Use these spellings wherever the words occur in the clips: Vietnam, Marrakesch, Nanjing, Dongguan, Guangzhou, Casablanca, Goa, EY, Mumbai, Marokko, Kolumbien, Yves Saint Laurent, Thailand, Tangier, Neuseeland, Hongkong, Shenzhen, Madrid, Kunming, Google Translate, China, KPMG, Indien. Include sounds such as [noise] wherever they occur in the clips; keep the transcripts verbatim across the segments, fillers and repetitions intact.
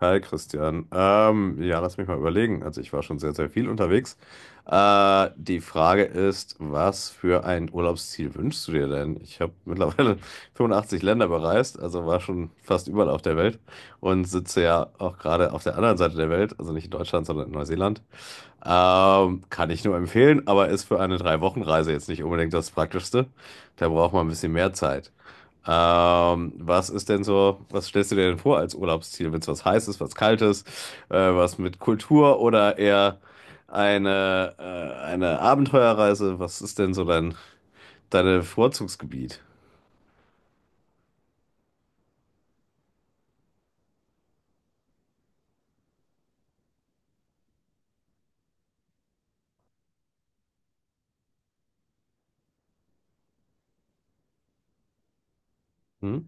Hi Christian. Ähm, ja, lass mich mal überlegen. Also ich war schon sehr, sehr viel unterwegs. Äh, die Frage ist, was für ein Urlaubsziel wünschst du dir denn? Ich habe mittlerweile [laughs] fünfundachtzig Länder bereist, also war schon fast überall auf der Welt und sitze ja auch gerade auf der anderen Seite der Welt, also nicht in Deutschland, sondern in Neuseeland. Ähm, kann ich nur empfehlen, aber ist für eine Drei-Wochen-Reise jetzt nicht unbedingt das Praktischste. Da braucht man ein bisschen mehr Zeit. Ähm, was ist denn so, was stellst du dir denn vor als Urlaubsziel? Wenn es was Heißes, was Kaltes, äh, was mit Kultur oder eher eine, äh, eine Abenteuerreise? Was ist denn so dein, deine Vorzugsgebiet? Hm?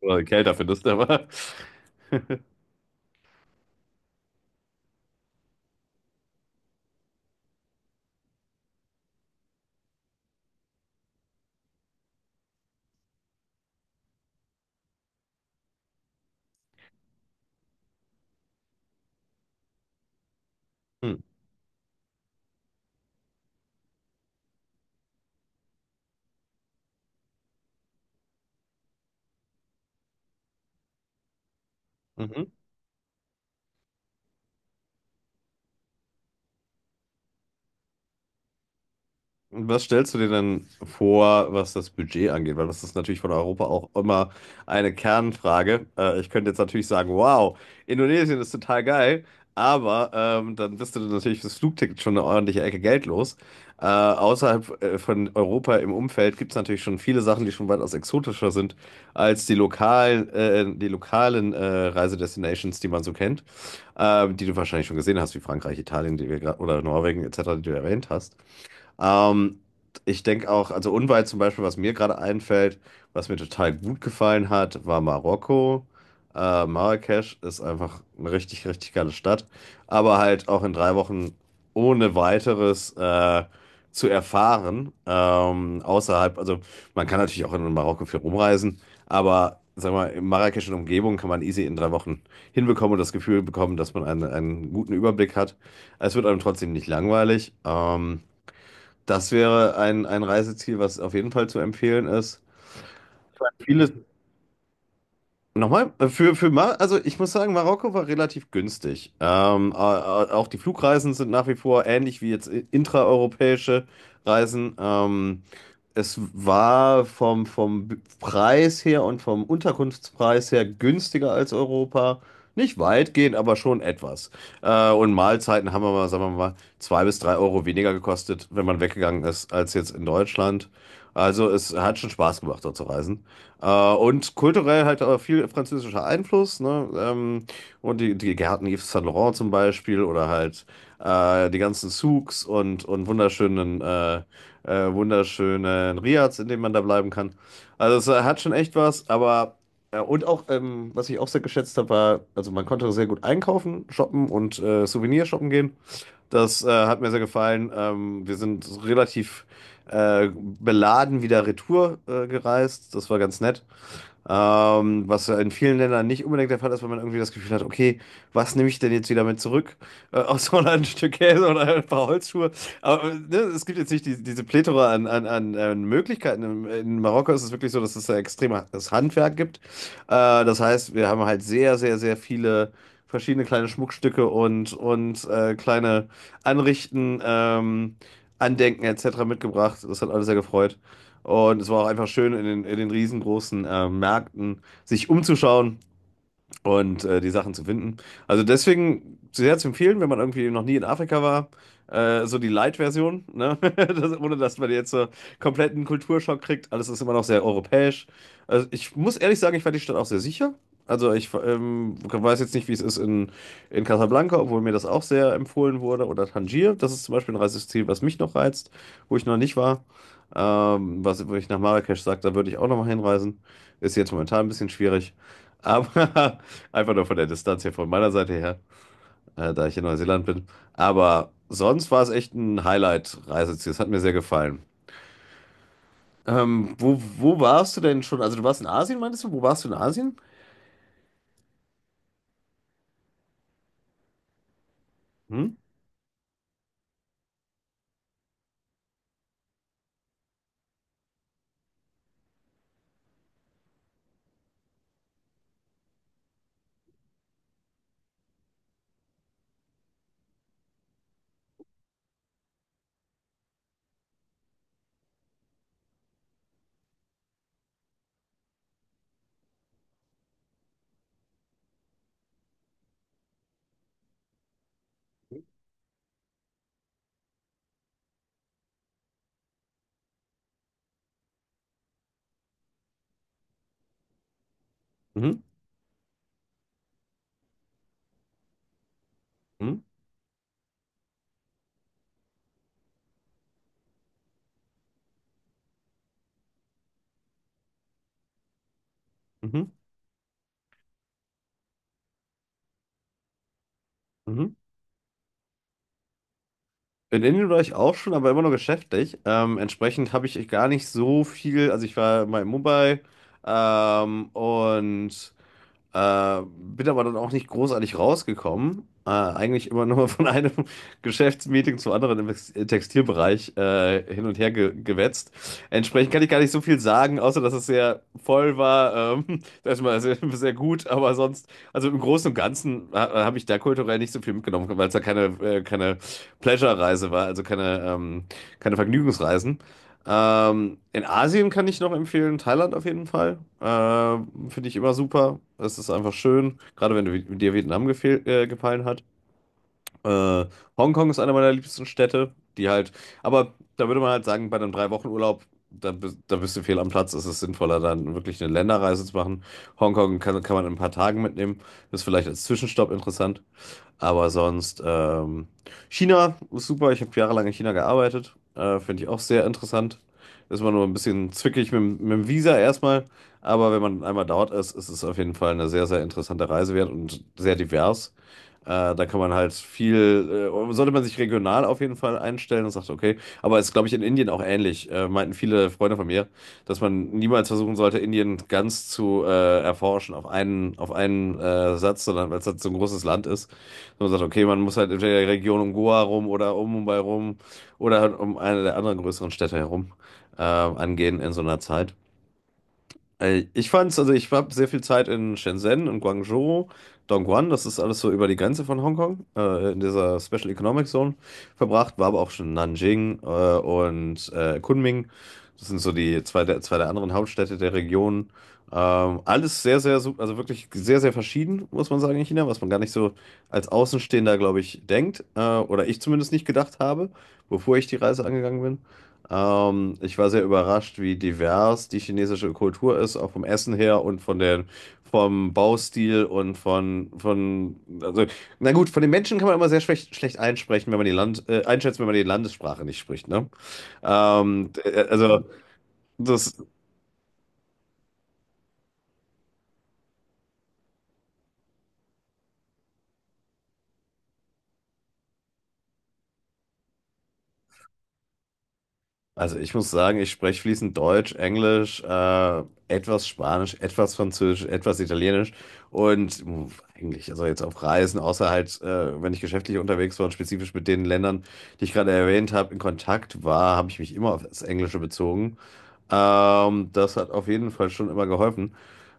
Oder kälter findest du aber. [laughs] Hm. Mhm. Was stellst du dir denn vor, was das Budget angeht? Weil das ist natürlich von Europa auch immer eine Kernfrage. Äh, ich könnte jetzt natürlich sagen, wow, Indonesien ist total geil, aber ähm, dann bist du natürlich fürs Flugticket schon eine ordentliche Ecke Geld los. Äh, außerhalb äh, von Europa im Umfeld gibt es natürlich schon viele Sachen, die schon weitaus exotischer sind als die lokalen, äh, die lokalen äh, Reisedestinations, die man so kennt, äh, die du wahrscheinlich schon gesehen hast, wie Frankreich, Italien, die wir grad, oder Norwegen et cetera, die du erwähnt hast. Ähm, Ich denke auch, also unweit zum Beispiel, was mir gerade einfällt, was mir total gut gefallen hat, war Marokko. Äh, Marrakesch ist einfach eine richtig, richtig geile Stadt. Aber halt auch in drei Wochen ohne weiteres äh, zu erfahren. Ähm, außerhalb, also man kann natürlich auch in Marokko viel rumreisen, aber sag mal, in Marrakesch und Umgebung kann man easy in drei Wochen hinbekommen und das Gefühl bekommen, dass man einen, einen guten Überblick hat. Es wird einem trotzdem nicht langweilig. Ähm, das wäre ein, ein Reiseziel, was auf jeden Fall zu empfehlen ist. Vieles Nochmal, äh, für, für Mar Also ich muss sagen, Marokko war relativ günstig. Ähm, äh, äh, auch die Flugreisen sind nach wie vor ähnlich wie jetzt i- intraeuropäische Reisen. Ähm, es war vom, vom B- Preis her und vom Unterkunftspreis her günstiger als Europa. Nicht weitgehend, aber schon etwas. Äh, und Mahlzeiten haben wir mal, sagen wir mal, zwei bis drei Euro weniger gekostet, wenn man weggegangen ist, als jetzt in Deutschland. Also es hat schon Spaß gemacht, dort zu reisen. Äh, und kulturell halt auch viel französischer Einfluss, ne? Ähm, und die, die Gärten Yves Saint Laurent zum Beispiel oder halt äh, die ganzen Souks und, und wunderschönen, äh, äh, wunderschönen Riads, in denen man da bleiben kann. Also es äh, hat schon echt was, aber äh, und auch, ähm, was ich auch sehr geschätzt habe, war, also man konnte sehr gut einkaufen, shoppen und äh, Souvenir shoppen gehen. Das äh, hat mir sehr gefallen. Ähm, wir sind relativ äh, beladen wieder retour äh, gereist. Das war ganz nett. Ähm, was ja in vielen Ländern nicht unbedingt der Fall ist, weil man irgendwie das Gefühl hat, okay, was nehme ich denn jetzt wieder mit zurück? Äh, [laughs] außer ein Stück Käse oder ein paar Holzschuhe. Aber äh, ne, es gibt jetzt nicht die, diese Plethora an, an, an, an Möglichkeiten. In, in Marokko ist es wirklich so, dass es da extremes Handwerk gibt. Äh, Das heißt, wir haben halt sehr, sehr, sehr viele verschiedene kleine Schmuckstücke und, und äh, kleine Anrichten, ähm, Andenken et cetera mitgebracht. Das hat alles sehr gefreut. Und es war auch einfach schön, in den, in den riesengroßen äh, Märkten sich umzuschauen, und äh, die Sachen zu finden. Also deswegen sehr zu empfehlen, wenn man irgendwie noch nie in Afrika war, äh, so die Light-Version, ne? [laughs] Das, ohne dass man jetzt so kompletten Kulturschock kriegt. Alles ist immer noch sehr europäisch. Also ich muss ehrlich sagen, ich fand die Stadt auch sehr sicher. Also ich ähm, weiß jetzt nicht, wie es ist in, in Casablanca, obwohl mir das auch sehr empfohlen wurde. Oder Tangier, das ist zum Beispiel ein Reiseziel, was mich noch reizt, wo ich noch nicht war. Ähm, was, wo ich nach Marrakesch sage, da würde ich auch nochmal hinreisen. Ist jetzt momentan ein bisschen schwierig. Aber [laughs] einfach nur von der Distanz her, von meiner Seite her, äh, da ich in Neuseeland bin. Aber sonst war es echt ein Highlight-Reiseziel. Es hat mir sehr gefallen. Ähm, wo, wo warst du denn schon? Also du warst in Asien, meintest du? Wo warst du in Asien? Hm? Mhm. Mhm. Mhm. Mhm. In Indien war ich auch schon, aber immer nur geschäftlich. Ähm, entsprechend habe ich gar nicht so viel. Also ich war mal in Mumbai ähm, und Äh, bin aber dann auch nicht großartig rausgekommen. Äh, eigentlich immer nur von einem [laughs] Geschäftsmeeting zum anderen im Ex- Textilbereich äh, hin und her ge gewetzt. Entsprechend kann ich gar nicht so viel sagen, außer dass es sehr voll war. Ähm, [laughs] das war sehr, [laughs] sehr gut, aber sonst, also im Großen und Ganzen ha habe ich da kulturell nicht so viel mitgenommen, weil es da keine, äh, keine Pleasure-Reise war, also keine, ähm, keine Vergnügungsreisen. Ähm, in Asien kann ich noch empfehlen, Thailand auf jeden Fall. Ähm, finde ich immer super. Es ist einfach schön, gerade wenn du, dir Vietnam gefehl, äh, gefallen hat. Äh, Hongkong ist eine meiner liebsten Städte, die halt, aber da würde man halt sagen, bei einem Drei-Wochen-Urlaub, da, bist- da bist du fehl am Platz. Es ist sinnvoller, dann wirklich eine Länderreise zu machen. Hongkong kann, kann man in ein paar Tagen mitnehmen. Ist vielleicht als Zwischenstopp interessant. Aber sonst, ähm, China ist super. Ich habe jahrelang in China gearbeitet. Äh, finde ich auch sehr interessant. Ist man nur ein bisschen zwickig mit, dem- mit dem Visa erstmal. Aber wenn man einmal dort ist, ist es auf jeden Fall eine sehr, sehr interessante Reise wert und sehr divers. Äh, da kann man halt viel, äh, sollte man sich regional auf jeden Fall einstellen und sagt, okay. Aber es ist, glaube ich, in Indien auch ähnlich, äh, meinten viele Freunde von mir, dass man niemals versuchen sollte, Indien ganz zu äh, erforschen auf einen, auf einen äh, Satz, sondern weil es halt so ein großes Land ist. Dass man sagt, okay, man muss halt entweder in der Region um Goa rum oder um Mumbai rum oder halt um eine der anderen größeren Städte herum äh, angehen in so einer Zeit. Äh, Ich fand's, also ich habe sehr viel Zeit in Shenzhen und Guangzhou, Dongguan, das ist alles so über die Grenze von Hongkong, äh, in dieser Special Economic Zone verbracht, war aber auch schon in Nanjing äh, und äh, Kunming. Das sind so die zwei der, zwei der anderen Hauptstädte der Region. Ähm, alles sehr, sehr, su- also wirklich sehr, sehr verschieden, muss man sagen, in China, was man gar nicht so als Außenstehender, glaube ich, denkt, äh, oder ich zumindest nicht gedacht habe, bevor ich die Reise angegangen bin. Ähm, ich war sehr überrascht, wie divers die chinesische Kultur ist, auch vom Essen her und von den, vom Baustil und von, von, also, na gut, von den Menschen kann man immer sehr schlecht, schlecht einsprechen, wenn man die Land, äh, einschätzen, wenn man die Landessprache nicht spricht, ne? Ähm, d- äh, also, das, Also ich muss sagen, ich spreche fließend Deutsch, Englisch, äh, etwas Spanisch, etwas Französisch, etwas Italienisch und mh, eigentlich, also jetzt auf Reisen, außer halt, äh, wenn ich geschäftlich unterwegs war und spezifisch mit den Ländern, die ich gerade erwähnt habe, in Kontakt war, habe ich mich immer auf das Englische bezogen. Ähm, das hat auf jeden Fall schon immer geholfen.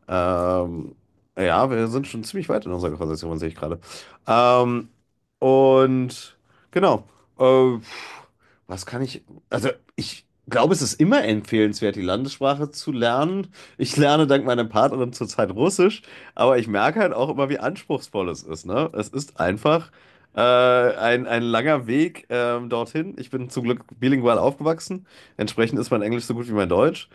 Ähm, ja, wir sind schon ziemlich weit in unserer Konversation, sehe ich gerade. Ähm, und genau. Äh, was kann ich. Also, ich glaube, es ist immer empfehlenswert, die Landessprache zu lernen. Ich lerne dank meiner Partnerin zurzeit Russisch, aber ich merke halt auch immer, wie anspruchsvoll es ist, ne? Es ist einfach. Äh, ein, ein langer Weg ähm, dorthin. Ich bin zum Glück bilingual aufgewachsen. Entsprechend ist mein Englisch so gut wie mein Deutsch.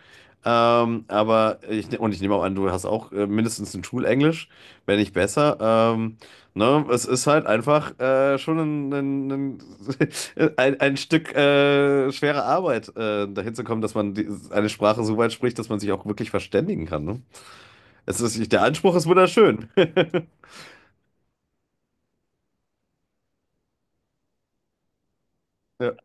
Ähm, aber ich, ne- und ich nehme auch an, du hast auch äh, mindestens ein Schulenglisch, wenn nicht besser. Ähm, ne? Es ist halt einfach äh, schon ein, ein, ein, [laughs] ein ein Stück äh, schwere Arbeit, äh, dahin zu kommen, dass man die, eine Sprache so weit spricht, dass man sich auch wirklich verständigen kann. Ne? Es ist, der Anspruch ist wunderschön. [laughs] Ja.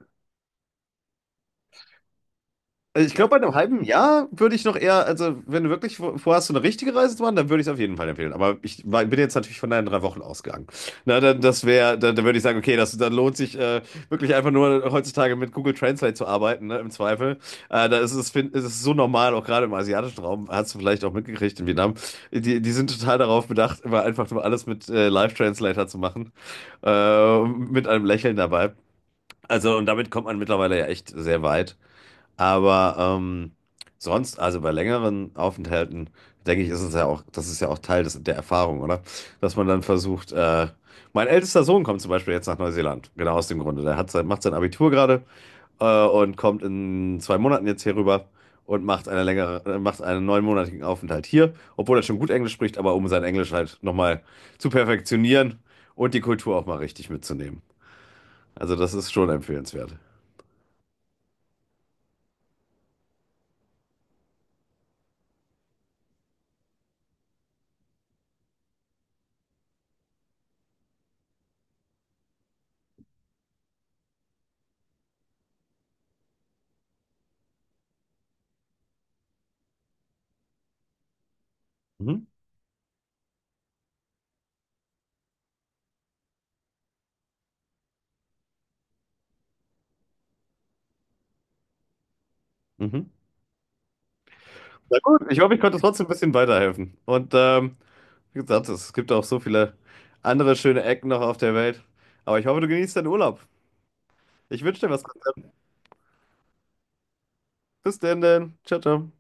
Also ich glaube, bei einem halben Jahr würde ich noch eher, also wenn du wirklich vor- vorhast, so eine richtige Reise zu machen, dann würde ich es auf jeden Fall empfehlen. Aber ich war, bin jetzt natürlich von deinen drei Wochen ausgegangen. Na, dann, das wäre, dann, dann würde ich sagen, okay, das, dann lohnt sich äh, wirklich einfach nur heutzutage mit Google Translate zu arbeiten, ne, im Zweifel. Äh, da ist es, fin- ist es so normal, auch gerade im asiatischen Raum, hast du vielleicht auch mitgekriegt in Vietnam. Die, die sind total darauf bedacht, immer einfach nur alles mit äh, Live-Translator zu machen. Äh, mit einem Lächeln dabei. Also, und damit kommt man mittlerweile ja echt sehr weit. Aber ähm, sonst, also bei längeren Aufenthalten, denke ich, ist es ja auch, das ist ja auch Teil des, der Erfahrung, oder? Dass man dann versucht, äh, mein ältester Sohn kommt zum Beispiel jetzt nach Neuseeland, genau aus dem Grunde. Der hat sein, macht sein Abitur gerade äh, und kommt in zwei Monaten jetzt hier rüber und macht eine längere, äh, macht einen neunmonatigen Aufenthalt hier, obwohl er schon gut Englisch spricht, aber um sein Englisch halt nochmal zu perfektionieren und die Kultur auch mal richtig mitzunehmen. Also das ist schon empfehlenswert. Mhm. Mhm. Na gut, ich hoffe, ich konnte trotzdem ein bisschen weiterhelfen. Und ähm, wie gesagt, es gibt auch so viele andere schöne Ecken noch auf der Welt. Aber ich hoffe, du genießt deinen Urlaub. Ich wünsche dir was. Bis denn, denn. Ciao, ciao.